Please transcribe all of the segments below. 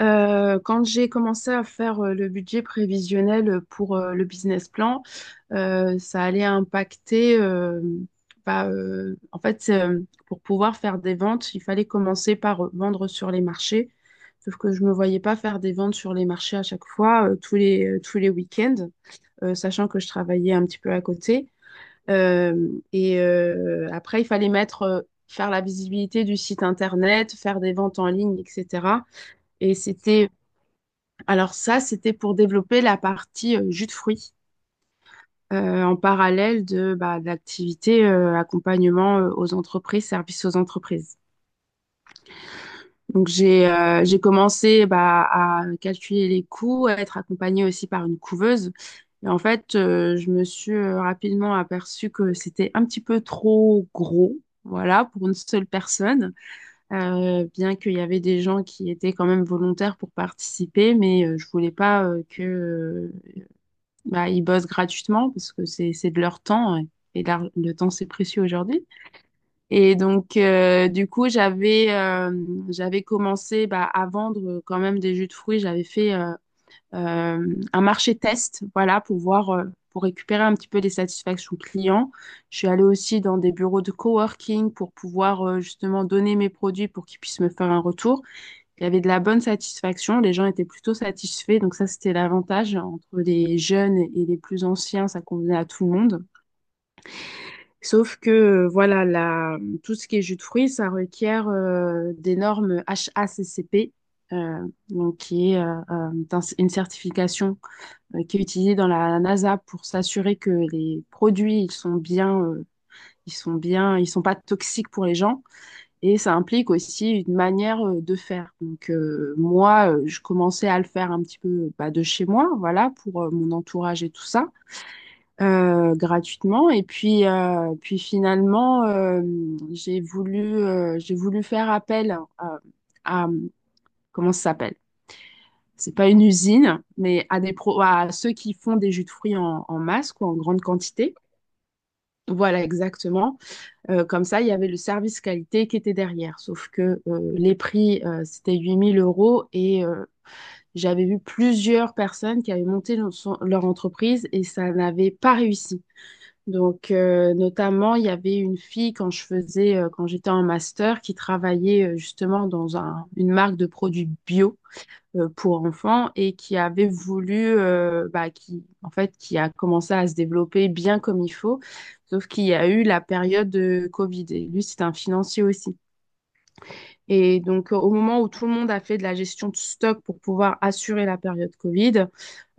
Quand j'ai commencé à faire le budget prévisionnel pour le business plan, ça allait impacter, en fait, pour pouvoir faire des ventes, il fallait commencer par vendre sur les marchés. Sauf que je ne me voyais pas faire des ventes sur les marchés à chaque fois, tous les week-ends, sachant que je travaillais un petit peu à côté. Euh, Après, il fallait mettre, faire la visibilité du site internet, faire des ventes en ligne, etc. Et c'était, alors ça, c'était pour développer la partie jus de fruits, en parallèle de, bah, de l'activité accompagnement aux entreprises, services aux entreprises. Donc j'ai commencé, bah, à calculer les coûts, à être accompagnée aussi par une couveuse. Et en fait, je me suis rapidement aperçue que c'était un petit peu trop gros, voilà, pour une seule personne. Bien qu'il y avait des gens qui étaient quand même volontaires pour participer, mais je voulais pas que bah, ils bossent gratuitement parce que c'est de leur temps, ouais. Et le temps, c'est précieux aujourd'hui. Et donc, du coup, j'avais commencé, bah, à vendre, quand même, des jus de fruits. J'avais fait un marché test, voilà, pour voir, pour récupérer un petit peu les satisfactions clients. Je suis allée aussi dans des bureaux de coworking pour pouvoir, justement, donner mes produits pour qu'ils puissent me faire un retour. Il y avait de la bonne satisfaction, les gens étaient plutôt satisfaits, donc ça, c'était l'avantage entre les jeunes et les plus anciens, ça convenait à tout le monde. Sauf que, voilà, tout ce qui est jus de fruits, ça requiert des normes HACCP, donc qui est une certification qui est utilisée dans la NASA pour s'assurer que les produits, ils sont bien, ils sont pas toxiques pour les gens. Et ça implique aussi une manière de faire. Donc, moi, je commençais à le faire un petit peu, bah, de chez moi, voilà, pour mon entourage et tout ça, gratuitement. Et puis, puis finalement, j'ai voulu faire appel à, à- comment ça s'appelle? C'est pas une usine, mais à des pro à ceux qui font des jus de fruits en, en masse, quoi, en grande quantité. Voilà, exactement. Comme ça, il y avait le service qualité qui était derrière. Sauf que, les prix, c'était 8 000 €, et j'avais vu plusieurs personnes qui avaient monté leur entreprise et ça n'avait pas réussi. Donc, notamment, il y avait une fille quand je faisais, quand j'étais en master, qui travaillait justement dans une marque de produits bio pour enfants, et qui avait voulu, qui, en fait, qui a commencé à se développer bien comme il faut, sauf qu'il y a eu la période de Covid. Et lui, c'est un financier aussi. Et donc, au moment où tout le monde a fait de la gestion de stock pour pouvoir assurer la période Covid,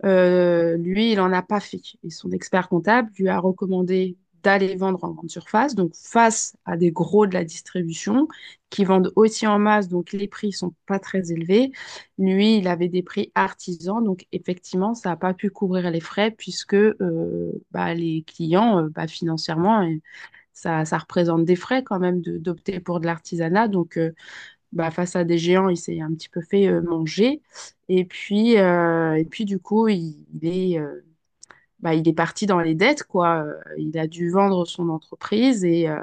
lui, il n'en a pas fait. Et son expert comptable lui a recommandé d'aller vendre en grande surface, donc face à des gros de la distribution qui vendent aussi en masse, donc les prix sont pas très élevés. Lui, il avait des prix artisans, donc effectivement, ça n'a pas pu couvrir les frais puisque, les clients, financièrement, ça, ça représente des frais quand même d'opter pour de l'artisanat. Donc, bah, face à des géants, il s'est un petit peu fait manger. Et puis, et puis du coup, est, euh, il est parti dans les dettes, quoi. Il a dû vendre son entreprise,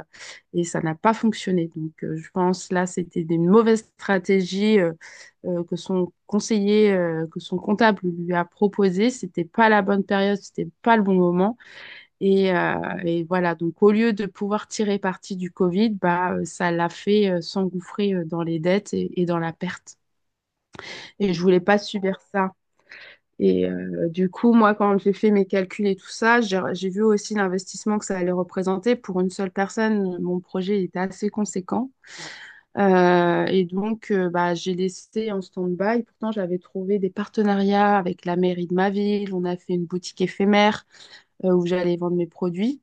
et ça n'a pas fonctionné. Donc, je pense là, c'était des mauvaises stratégies, que son comptable lui a proposé. C'était pas la bonne période, c'était pas le bon moment. Et, voilà, donc au lieu de pouvoir tirer parti du Covid, bah, ça l'a fait s'engouffrer dans les dettes et dans la perte. Et je voulais pas subir ça. Et du coup, moi, quand j'ai fait mes calculs et tout ça, j'ai vu aussi l'investissement que ça allait représenter. Pour une seule personne, mon projet était assez conséquent. Donc, bah, j'ai laissé en stand-by. Pourtant, j'avais trouvé des partenariats avec la mairie de ma ville. On a fait une boutique éphémère où j'allais vendre mes produits.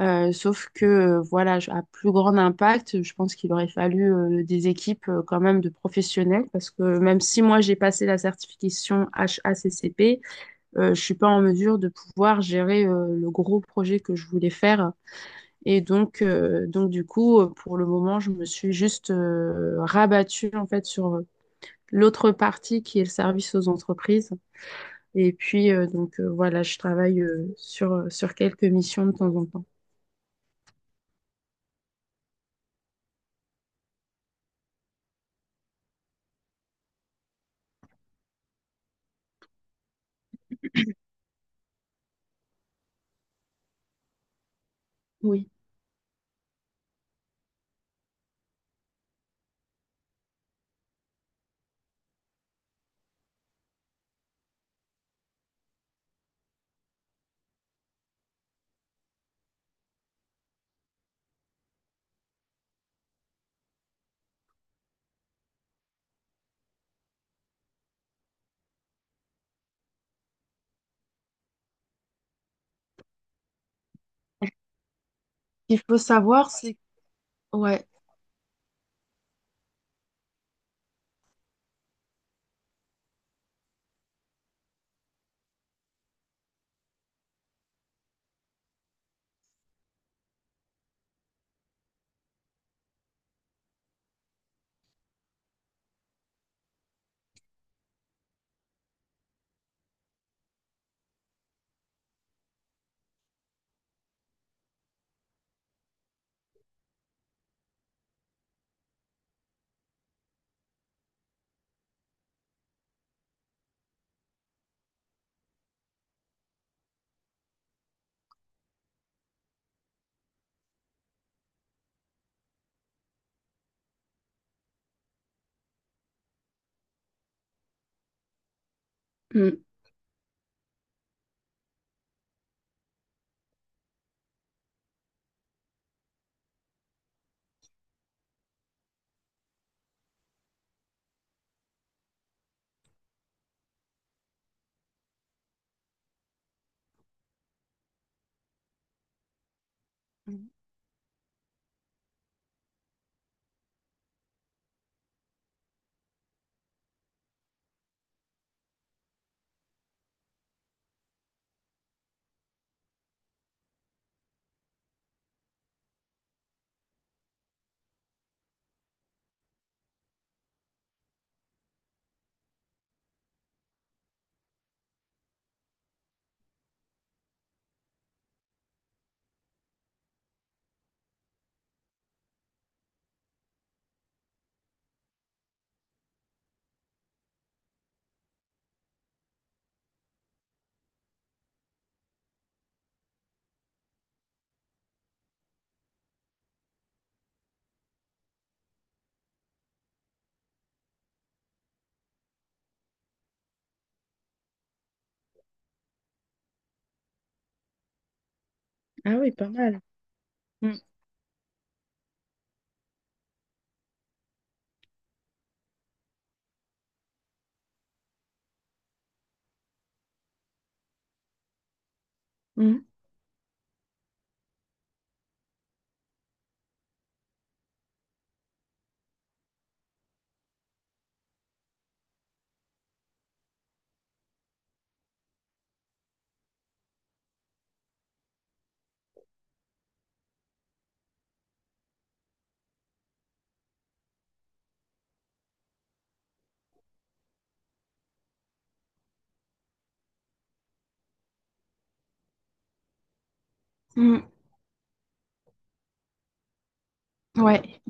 Sauf que, voilà, à plus grand impact, je pense qu'il aurait fallu des équipes quand même de professionnels, parce que même si moi, j'ai passé la certification HACCP, je suis pas en mesure de pouvoir gérer le gros projet que je voulais faire. Et donc, donc du coup, pour le moment, je me suis juste rabattue en fait sur l'autre partie qui est le service aux entreprises. Et puis, voilà, je travaille, sur, sur quelques missions de temps en temps. Oui. Ce qu'il faut savoir, c'est… Ouais. Mm. Mm. Ah oui, pas mal. Mm. Mm. Mm. Ouais.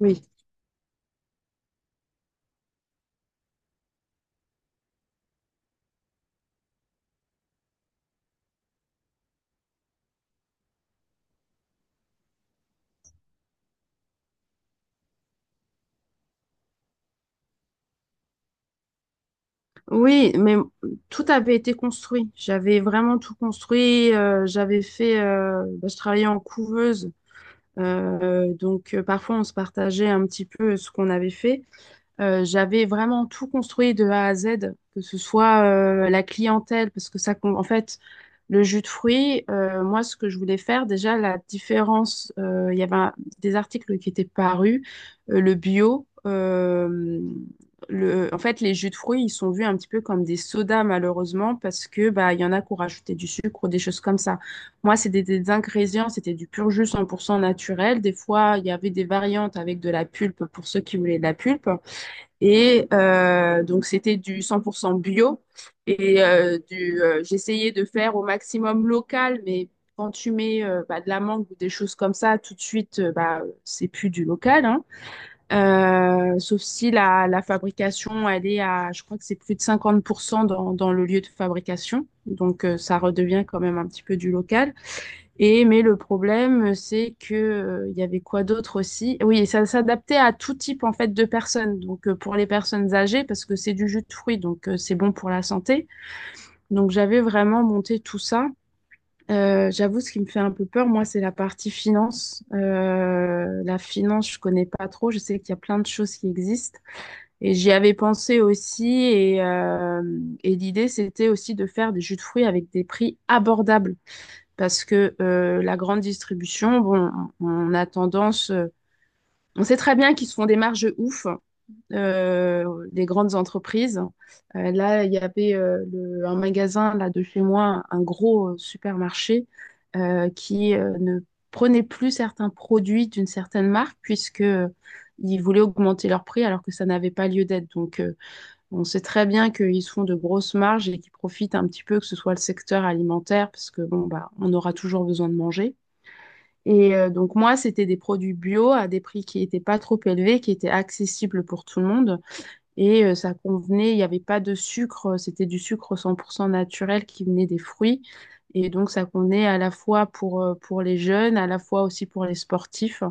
Oui. Oui, mais tout avait été construit. J'avais vraiment tout construit. J'avais fait. Bah, je travaillais en couveuse. Parfois, on se partageait un petit peu ce qu'on avait fait. J'avais vraiment tout construit de A à Z, que ce soit la clientèle, parce que ça, en fait, le jus de fruits, moi, ce que je voulais faire, déjà, la différence, il y avait des articles qui étaient parus, euh, le bio, euh, en fait, les jus de fruits, ils sont vus un petit peu comme des sodas, malheureusement, parce que, bah, il y en a qui ont rajouté du sucre ou des choses comme ça. Moi, c'était des ingrédients, c'était du pur jus 100% naturel. Des fois, il y avait des variantes avec de la pulpe pour ceux qui voulaient de la pulpe. Et donc, c'était du 100% bio. Et j'essayais de faire au maximum local, mais quand tu mets, de la mangue ou des choses comme ça, tout de suite, bah, c'est plus du local, hein. Sauf si la, la fabrication, elle est à, je crois que c'est plus de 50% dans, dans le lieu de fabrication. Donc, ça redevient quand même un petit peu du local. Et mais le problème, c'est que, il y avait quoi d'autre aussi? Oui, et ça s'adaptait à tout type en fait de personnes. Donc, pour les personnes âgées, parce que c'est du jus de fruits, donc, c'est bon pour la santé. Donc j'avais vraiment monté tout ça. J'avoue, ce qui me fait un peu peur, moi, c'est la partie finance. La finance, je connais pas trop. Je sais qu'il y a plein de choses qui existent. Et j'y avais pensé aussi. Et, l'idée, c'était aussi de faire des jus de fruits avec des prix abordables, parce que, la grande distribution, bon, on a tendance, on sait très bien qu'ils se font des marges ouf, des grandes entreprises. Là, il y avait, un magasin là de chez moi, un gros supermarché qui, ne prenait plus certains produits d'une certaine marque puisque, ils voulaient augmenter leur prix alors que ça n'avait pas lieu d'être. Donc, on sait très bien qu'ils se font de grosses marges et qu'ils profitent un petit peu, que ce soit le secteur alimentaire, parce que, bon, bah, on aura toujours besoin de manger. Et donc moi, c'était des produits bio à des prix qui n'étaient pas trop élevés, qui étaient accessibles pour tout le monde. Et ça convenait, il n'y avait pas de sucre, c'était du sucre 100% naturel qui venait des fruits. Et donc ça convenait à la fois pour les jeunes, à la fois aussi pour les sportifs.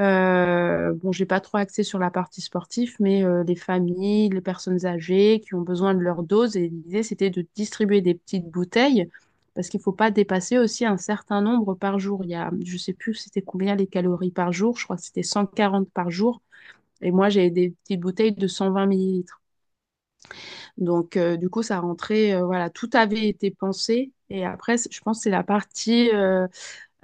Bon, j'ai pas trop axé sur la partie sportive, mais les familles, les personnes âgées qui ont besoin de leur dose. Et l'idée, c'était de distribuer des petites bouteilles parce qu'il faut pas dépasser aussi un certain nombre par jour. Il y a, je sais plus c'était combien les calories par jour. Je crois que c'était 140 par jour. Et moi, j'ai des petites bouteilles de 120 millilitres. Donc, du coup, ça rentrait, voilà, tout avait été pensé. Et après, je pense que c'est la partie, euh,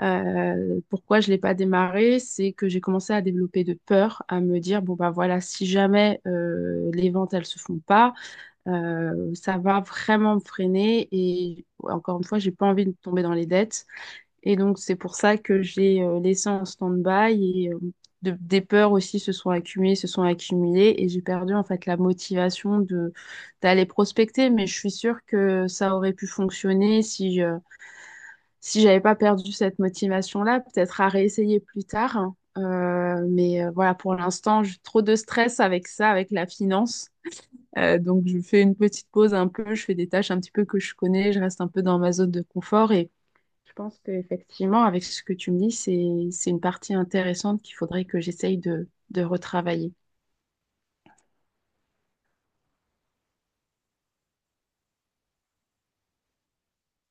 euh, pourquoi je ne l'ai pas démarré, c'est que j'ai commencé à développer de peur, à me dire, bon, bah, voilà, si jamais, les ventes, elles se font pas, ça va vraiment me freiner. Et ouais, encore une fois, j'ai pas envie de tomber dans les dettes. Et donc, c'est pour ça que j'ai, laissé en stand-by, et, des peurs aussi se sont accumulées, se sont accumulées, et j'ai perdu en fait la motivation de d'aller prospecter. Mais je suis sûre que ça aurait pu fonctionner si j'avais pas perdu cette motivation-là, peut-être à réessayer plus tard, hein. Mais voilà, pour l'instant, j'ai trop de stress avec ça, avec la finance. Donc, je fais une petite pause un peu, je fais des tâches un petit peu que je connais, je reste un peu dans ma zone de confort. Je pense qu'effectivement, avec ce que tu me dis, c'est une partie intéressante qu'il faudrait que j'essaye de retravailler.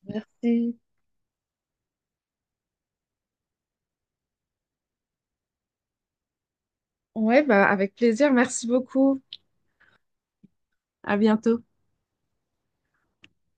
Merci. Ouais, bah, avec plaisir. Merci beaucoup. À bientôt.